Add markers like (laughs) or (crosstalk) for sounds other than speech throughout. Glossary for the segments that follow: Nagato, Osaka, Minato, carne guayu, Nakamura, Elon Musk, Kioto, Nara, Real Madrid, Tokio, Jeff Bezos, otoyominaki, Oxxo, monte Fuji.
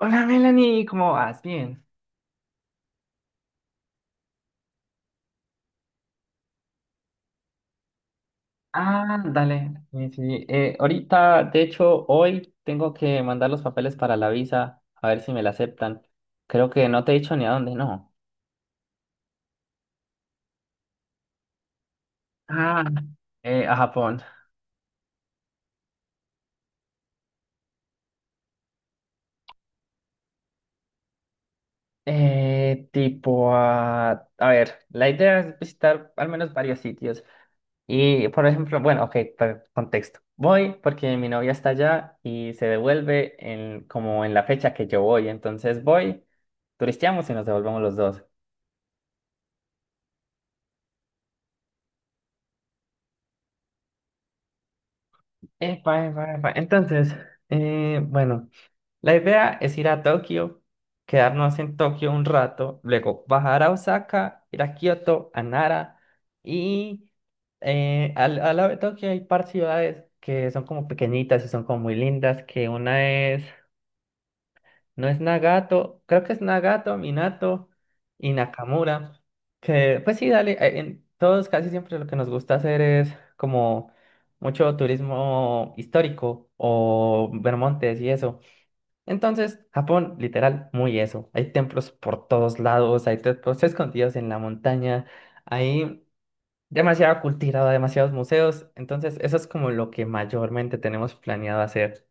Hola Melanie, ¿cómo vas? Bien. Ah, dale. Sí, sí. Ahorita, de hecho, hoy tengo que mandar los papeles para la visa, a ver si me la aceptan. Creo que no te he dicho ni a dónde, no. Ah, a Japón. Tipo a... A ver, la idea es visitar al menos varios sitios. Y, por ejemplo, bueno, ok, contexto. Voy porque mi novia está allá y se devuelve en, como en la fecha que yo voy. Entonces voy, turisteamos y nos devolvemos los dos. Epa, epa, epa. Entonces, bueno, la idea es ir a Tokio, quedarnos en Tokio un rato, luego bajar a Osaka, ir a Kioto, a Nara y al, lado de Tokio hay par ciudades que son como pequeñitas y son como muy lindas, que una es no es Nagato, creo que es Nagato, Minato y Nakamura. Que, pues sí, dale, en todos casi siempre lo que nos gusta hacer es como mucho turismo histórico o ver montes y eso. Entonces, Japón, literal, muy eso. Hay templos por todos lados, hay templos escondidos en la montaña, hay demasiada cultura, demasiados museos. Entonces, eso es como lo que mayormente tenemos planeado hacer.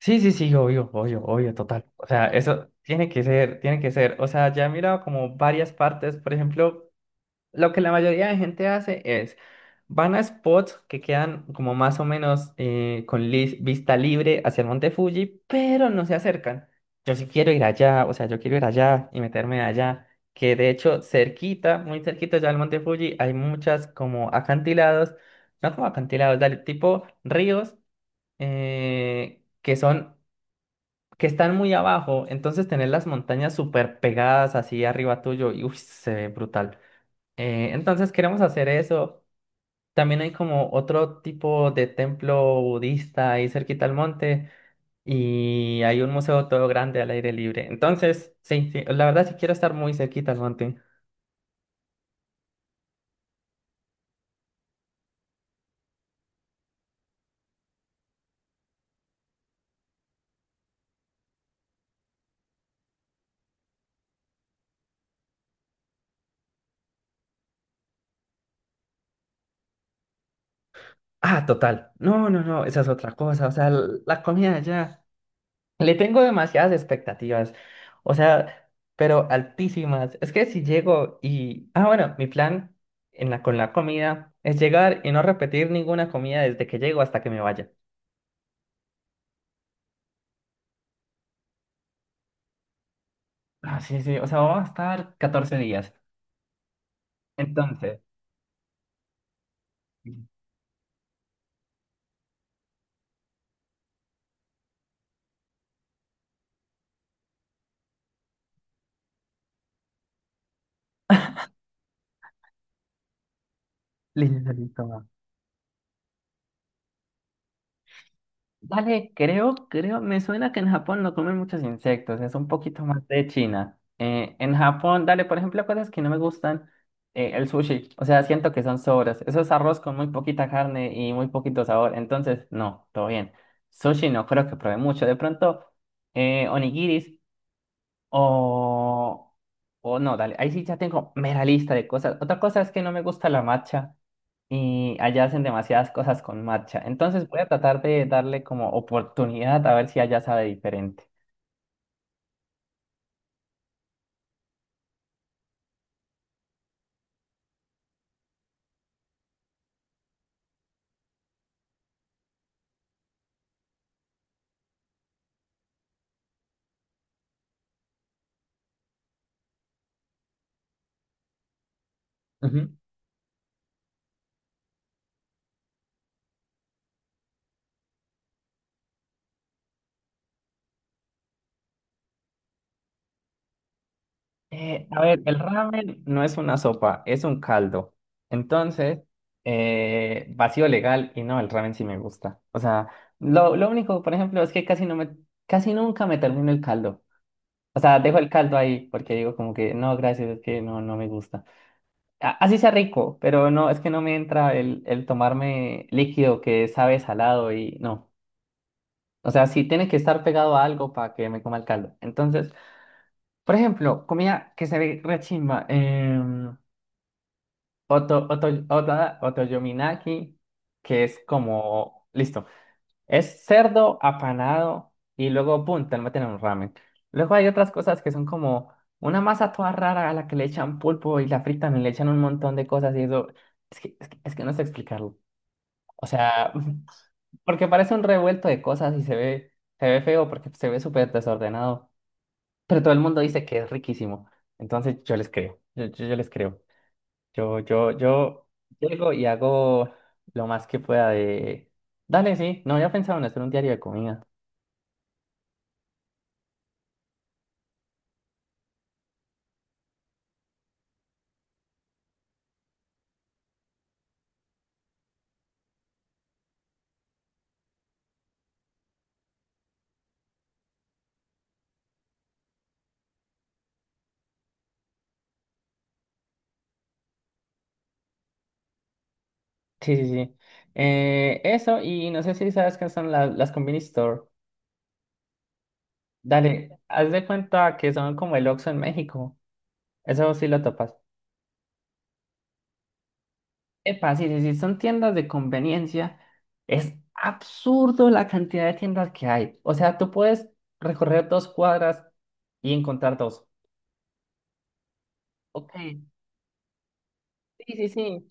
Sí, sí, sí, obvio, obvio, obvio, total. O sea, eso tiene que ser, tiene que ser. O sea, ya he mirado como varias partes. Por ejemplo, lo que la mayoría de gente hace es, van a spots que quedan como más o menos con vista libre hacia el monte Fuji, pero no se acercan. Yo sí quiero ir allá, o sea, yo quiero ir allá y meterme allá. Que de hecho, cerquita, muy cerquita ya del monte Fuji, hay muchas como acantilados, no como acantilados, dale, tipo ríos, que son que están muy abajo, entonces tener las montañas súper pegadas así arriba tuyo, y uy, se ve brutal. Entonces queremos hacer eso. También hay como otro tipo de templo budista ahí cerquita al monte y hay un museo todo grande al aire libre. Entonces, sí, sí, la verdad sí quiero estar muy cerquita al monte. Ah, total. No, no, no, esa es otra cosa. O sea, la comida allá. Le tengo demasiadas expectativas, o sea, pero altísimas. Es que si llego y... Ah, bueno, mi plan en la, con la comida es llegar y no repetir ninguna comida desde que llego hasta que me vaya. Ah, sí, sí, o sea, vamos a estar 14 días. Entonces, listo, listo, dale, creo, me suena que en Japón no comen muchos insectos, es un poquito más de China. En Japón, dale, por ejemplo, cosas que no me gustan, el sushi, o sea, siento que son sobras. Eso es arroz con muy poquita carne y muy poquito sabor, entonces, no, todo bien. Sushi no creo que probé mucho, de pronto, onigiris o... o no, dale, ahí sí ya tengo mera lista de cosas. Otra cosa es que no me gusta la matcha y allá hacen demasiadas cosas con matcha. Entonces voy a tratar de darle como oportunidad a ver si allá sabe diferente. Ujú. A ver, el ramen no es una sopa, es un caldo. Entonces, vacío legal y no, el ramen sí me gusta. O sea, lo único, por ejemplo, es que casi no me, casi nunca me termino el caldo. O sea, dejo el caldo ahí porque digo como que no, gracias, es que no, no me gusta. Así sea rico, pero no, es que no me entra el tomarme líquido que sabe salado y no. O sea, sí tiene que estar pegado a algo para que me coma el caldo. Entonces, por ejemplo, comida que se ve re chimba, otoyominaki, que es como, listo. Es cerdo apanado y luego, pum, te lo meten en un ramen. Luego hay otras cosas que son como una masa toda rara a la que le echan pulpo y la fritan y le echan un montón de cosas y eso. Es que no sé explicarlo. O sea, (laughs) porque parece un revuelto de cosas y se ve feo porque se ve súper desordenado. Pero todo el mundo dice que es riquísimo. Entonces yo les creo. Yo les creo. Yo llego y hago lo más que pueda de. Dale, sí. No había pensado en hacer un diario de comida. Sí, sí, sí. Eso, y no sé si sabes qué son las Convenience Store. Dale, haz de cuenta que son como el Oxxo en México. Eso sí lo topas. Epa, sí, sí, sí, son tiendas de conveniencia. Es absurdo la cantidad de tiendas que hay. O sea, tú puedes recorrer dos cuadras y encontrar dos. Ok. Sí, sí, sí,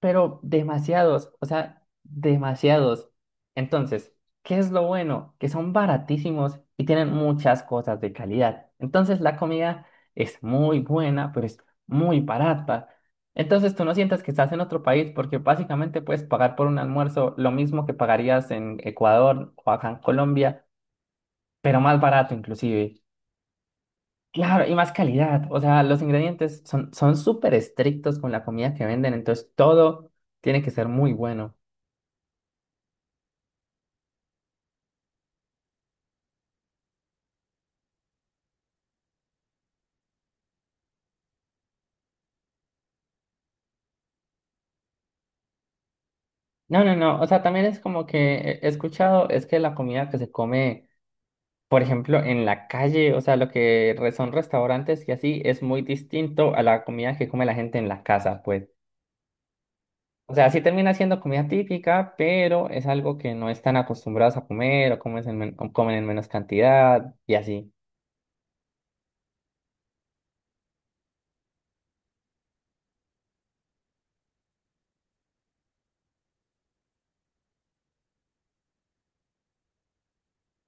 pero demasiados, o sea, demasiados. Entonces, ¿qué es lo bueno? Que son baratísimos y tienen muchas cosas de calidad. Entonces, la comida es muy buena, pero es muy barata. Entonces, tú no sientas que estás en otro país porque básicamente puedes pagar por un almuerzo lo mismo que pagarías en Ecuador o acá en Colombia, pero más barato inclusive. Claro, y más calidad. O sea, los ingredientes son súper estrictos con la comida que venden, entonces todo tiene que ser muy bueno. No, no, no. O sea, también es como que he escuchado, es que la comida que se come, por ejemplo, en la calle, o sea, lo que son restaurantes y así, es muy distinto a la comida que come la gente en la casa, pues. O sea, sí termina siendo comida típica, pero es algo que no están acostumbrados a comer o, comen en menos cantidad y así.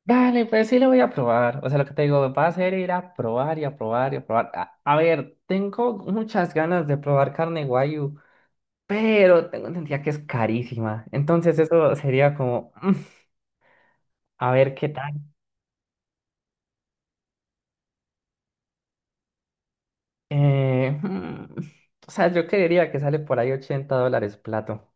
Vale, pues sí lo voy a probar. O sea, lo que te digo, va a ser ir a probar y a probar y a probar. A ver, tengo muchas ganas de probar carne guayu, pero tengo entendido que es carísima. Entonces eso sería como, mm, a ver qué tal. Eh, mm, o sea, yo creería que sale por ahí 80 dólares plato.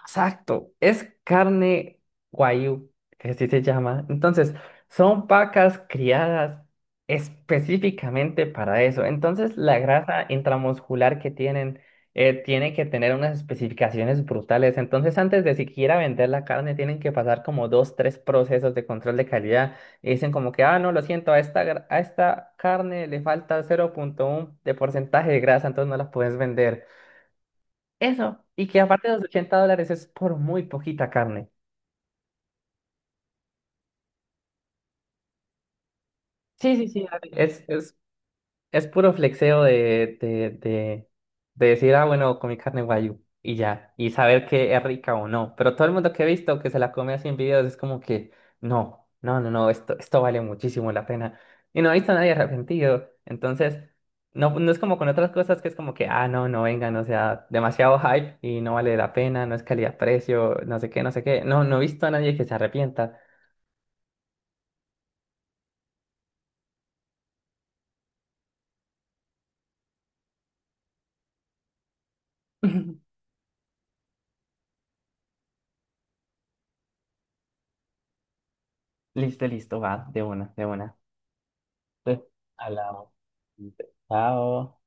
Exacto, es carne guayú, que así se llama. Entonces, son vacas criadas específicamente para eso. Entonces, la grasa intramuscular que tienen tiene que tener unas especificaciones brutales. Entonces, antes de siquiera vender la carne, tienen que pasar como dos, tres procesos de control de calidad. Y dicen como que, ah, no, lo siento, a esta, a esta carne le falta 0,1 de porcentaje de grasa, entonces no la puedes vender. Eso. Y que aparte de los 80 dólares es por muy poquita carne. Sí, sí, sí, dale. Es puro flexeo de decir, ah, bueno, comí carne guayu y ya, y saber que es rica o no. Pero todo el mundo que he visto que se la come así en videos es como que, no, no, no, no, esto vale muchísimo la pena. Y no he visto a nadie arrepentido. Entonces, no, no es como con otras cosas que es como que, ah, no, no vengan, o sea, demasiado hype y no vale la pena, no es calidad-precio, no sé qué, no sé qué. No, no he visto a nadie que se arrepienta. (laughs) Listo, listo, va, de una, de una. Entonces, hablamos. Chao.